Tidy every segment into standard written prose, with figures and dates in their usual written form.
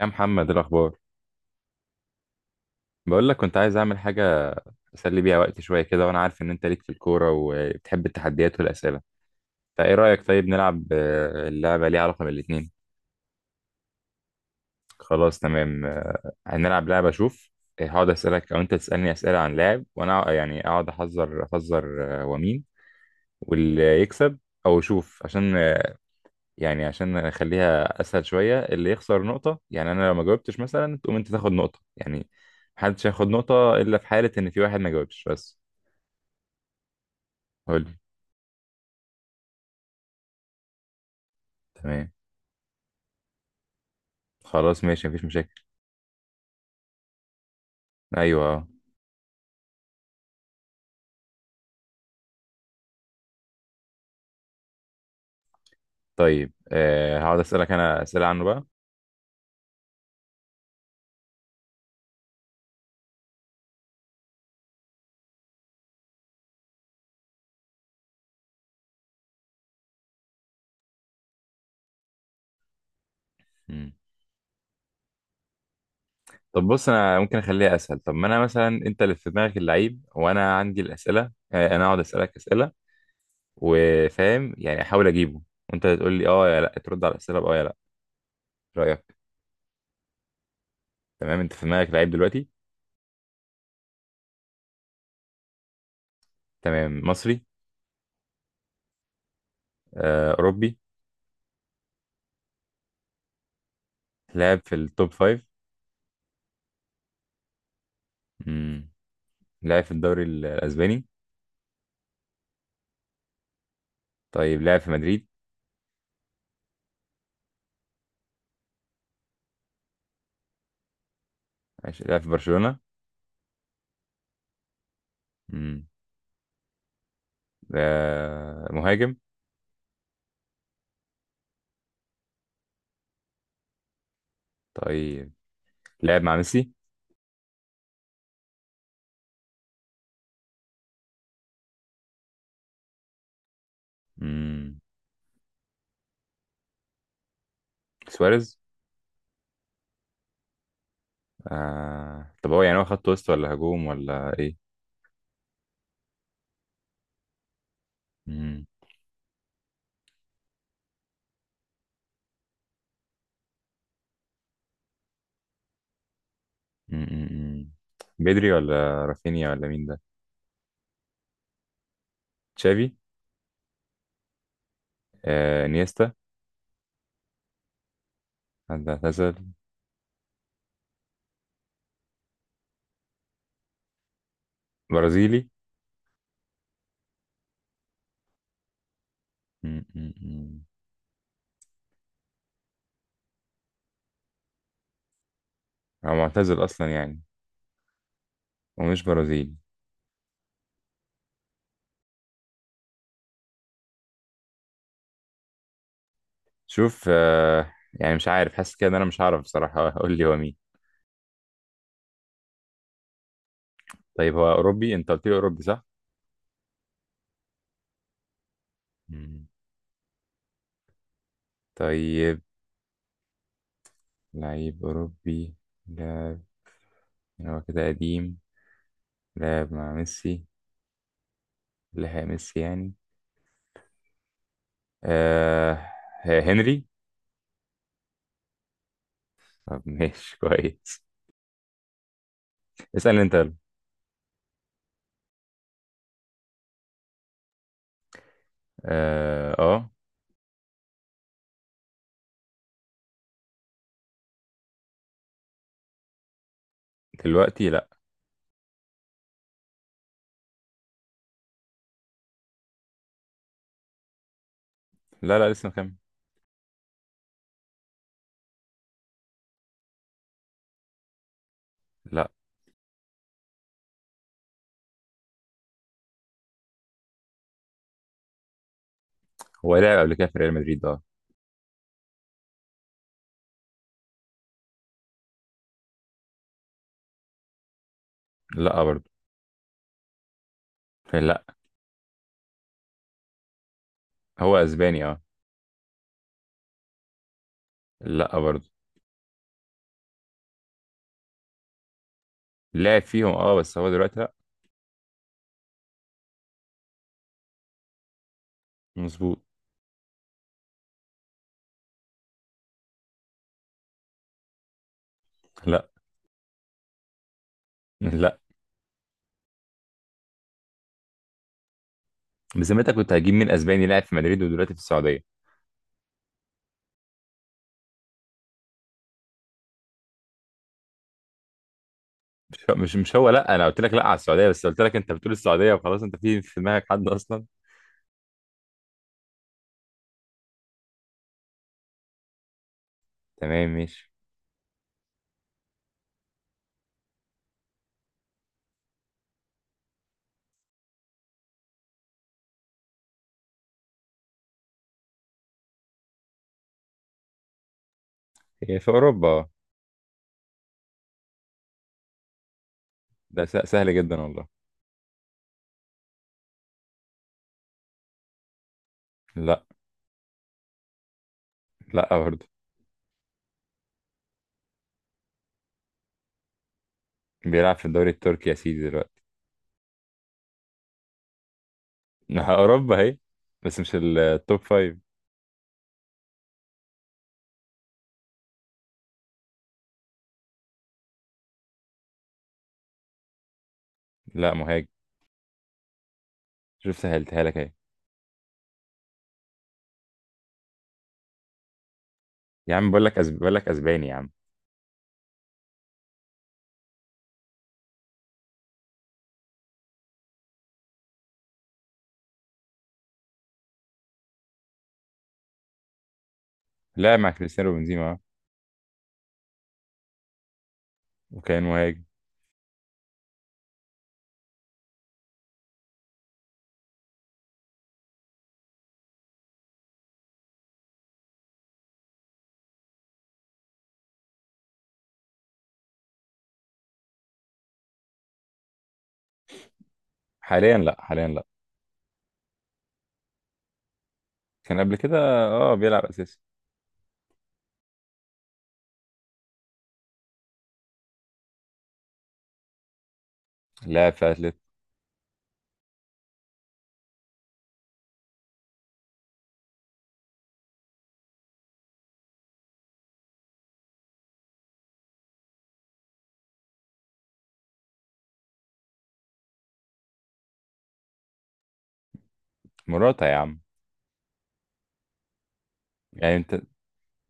يا محمد، إيه الاخبار؟ بقول لك كنت عايز اعمل حاجه اسلي بيها وقتي شويه كده، وانا عارف ان انت ليك في الكوره وبتحب التحديات والاسئله. فايه رايك، طيب نلعب، اللعبه ليها علاقه بالاثنين. خلاص تمام. هنلعب لعبه اشوف. هقعد اسالك او انت تسالني اسئله عن لاعب، وانا يعني اقعد احذر احذر ومين واللي يكسب. او اشوف عشان يعني عشان اخليها اسهل شويه، اللي يخسر نقطه يعني. انا لو ما جاوبتش مثلا تقوم انت تاخد نقطه يعني. محدش هياخد نقطه الا في حاله ان في واحد ما جاوبش بس. قولي. تمام. خلاص ماشي مفيش مشاكل. ايوه آه. طيب هقعد اسالك انا اسئله عنه بقى. مم. طب بص، انا ممكن اخليها اسهل. طب ما انا مثلا، انت اللي في دماغك اللعيب وانا عندي الاسئله. انا اقعد اسالك اسئله وفاهم يعني احاول اجيبه، وانت تقول لي اه يا لا. ترد على الاسئله باه يا لا. إيه رايك؟ تمام. انت في دماغك لعيب دلوقتي؟ تمام. مصري؟ آه، اوروبي؟ لعب في التوب فايف؟ مم. لعب في الدوري الاسباني؟ طيب لعب في مدريد؟ لعب في برشلونه؟ مم. آه، مهاجم؟ طيب لعب مع ميسي؟ مم. سواريز؟ آه. طب هو يعني هو خط وسط ولا هجوم ولا ايه؟ مم. مم. مم. مم. بدري ولا رافينيا ولا مين ده؟ تشافي؟ آه. نيستا؟ حد اعتزل؟ برازيلي؟ مم. مم. مم. هو معتزل اصلا يعني؟ ومش برازيلي؟ شوف آه. يعني مش عارف، حاسس كده ان انا مش هعرف بصراحة اقول لي هو مين. طيب هو اوروبي، انت قلت لي اوروبي صح؟ مم. طيب لعيب اوروبي. لا. يعني هو كده قديم. لعب مع ميسي، لحق ميسي يعني. آه، هنري. طب ماشي كويس. اسأل انت يلا. اه آه. دلوقتي لا. لا لا لسه مكمل. لا. هو لعب قبل كده في ريال مدريد اه. لا برضه. لا. هو اسباني اه. لا برضه. لعب فيهم اه بس هو دلوقتي لا. مظبوط. لا. لا. بذمتك كنت هجيب مين اسباني لاعب في مدريد ودلوقتي في السعوديه؟ مش هو لا، انا قلت لك لا على السعوديه، بس قلت لك انت بتقول السعوديه وخلاص، انت في دماغك حد اصلا. تمام ماشي. هي في أوروبا اه. سهل جدا والله. لا. لا برضه. بيلعب في الدوري التركي يا سيدي دلوقتي. ما هي أوروبا هي، بس مش التوب فايف. لا، مهاجم. شوف سهلتها لك اهي. يا عم بقول لك بقول لك أسباني يا عم. لا، مع كريستيانو بنزيما آه. وكان مهاجم. حاليا لا، حاليا لا. كان قبل كده. اه بيلعب أساسي. لاعب في أتلت. مراتا يا عم. يعني أنت،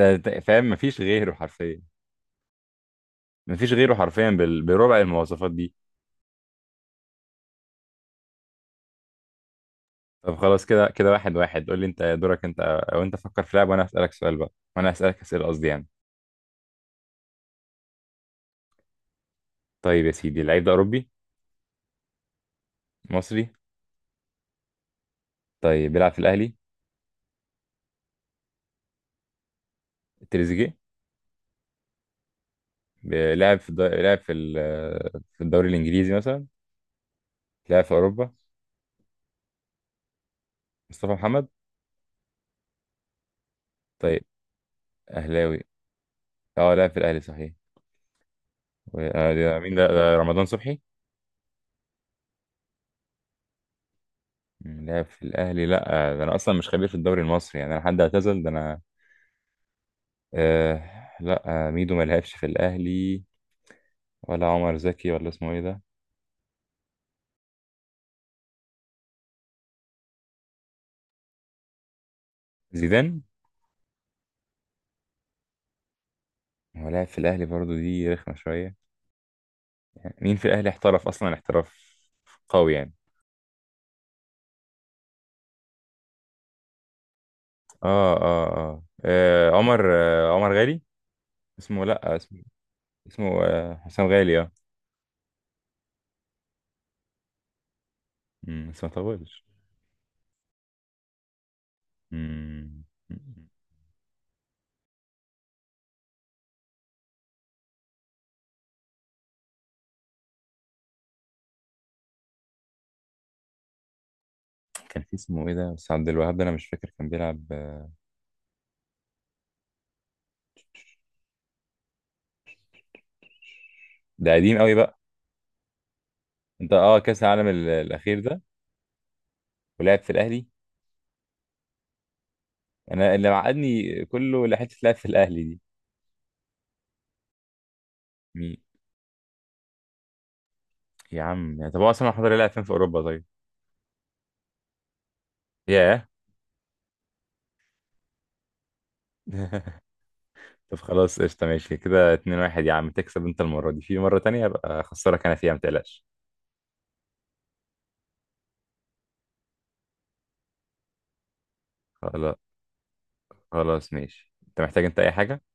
أنت فاهم مفيش غيره حرفيا. مفيش غيره حرفيا بربع المواصفات دي. طب خلاص كده كده، واحد واحد قول لي، انت دورك انت، او انت فكر في لعب وانا هسألك سؤال بقى، وانا هسألك أسئلة قصدي يعني. طيب يا سيدي، اللعيب ده اوروبي؟ مصري؟ طيب بيلعب في الاهلي؟ تريزيجيه؟ ب- لعب في الد... لعب في ال... في الدوري الانجليزي مثلا؟ لعب في اوروبا؟ مصطفى محمد؟ طيب. اهلاوي. اه، لعب في الاهلي صحيح. ده مين ده، ده رمضان صبحي؟ مم، لعب في الاهلي لا. ده انا اصلا مش خبير في الدوري المصري يعني، انا حد اعتزل ده انا آه... لا. ميدو ما لعبش في الاهلي ولا عمر زكي، ولا اسمه ايه ده؟ زيدان؟ هو لاعب في الاهلي برضه، دي رخمه شويه. مين في الاهلي احترف اصلا احتراف قوي يعني؟ اه اه اه، آه عمر، آه عمر غالي. اسمه، لا اسمه، اسمه آه حسام غالي اه. أمم، بس ما طولش. أمم، كان في اسمه ايه ده بس، عبد الوهاب ده انا مش فاكر كان بيلعب. ده قديم قوي بقى. انت اه كاس العالم الاخير ده ولعب في الاهلي. انا اللي معقدني كله لحته لعب في الاهلي دي. مين؟ يا عم طب هو اصلا حضري لعب فين في اوروبا طيب؟ ياه. طب خلاص قشطة ماشي كده، اتنين واحد يا عم تكسب انت المرة دي، في مرة تانية ابقى اخسرك انا فيها متقلقش. خلاص. خلاص ماشي. انت محتاج انت اي حاجة؟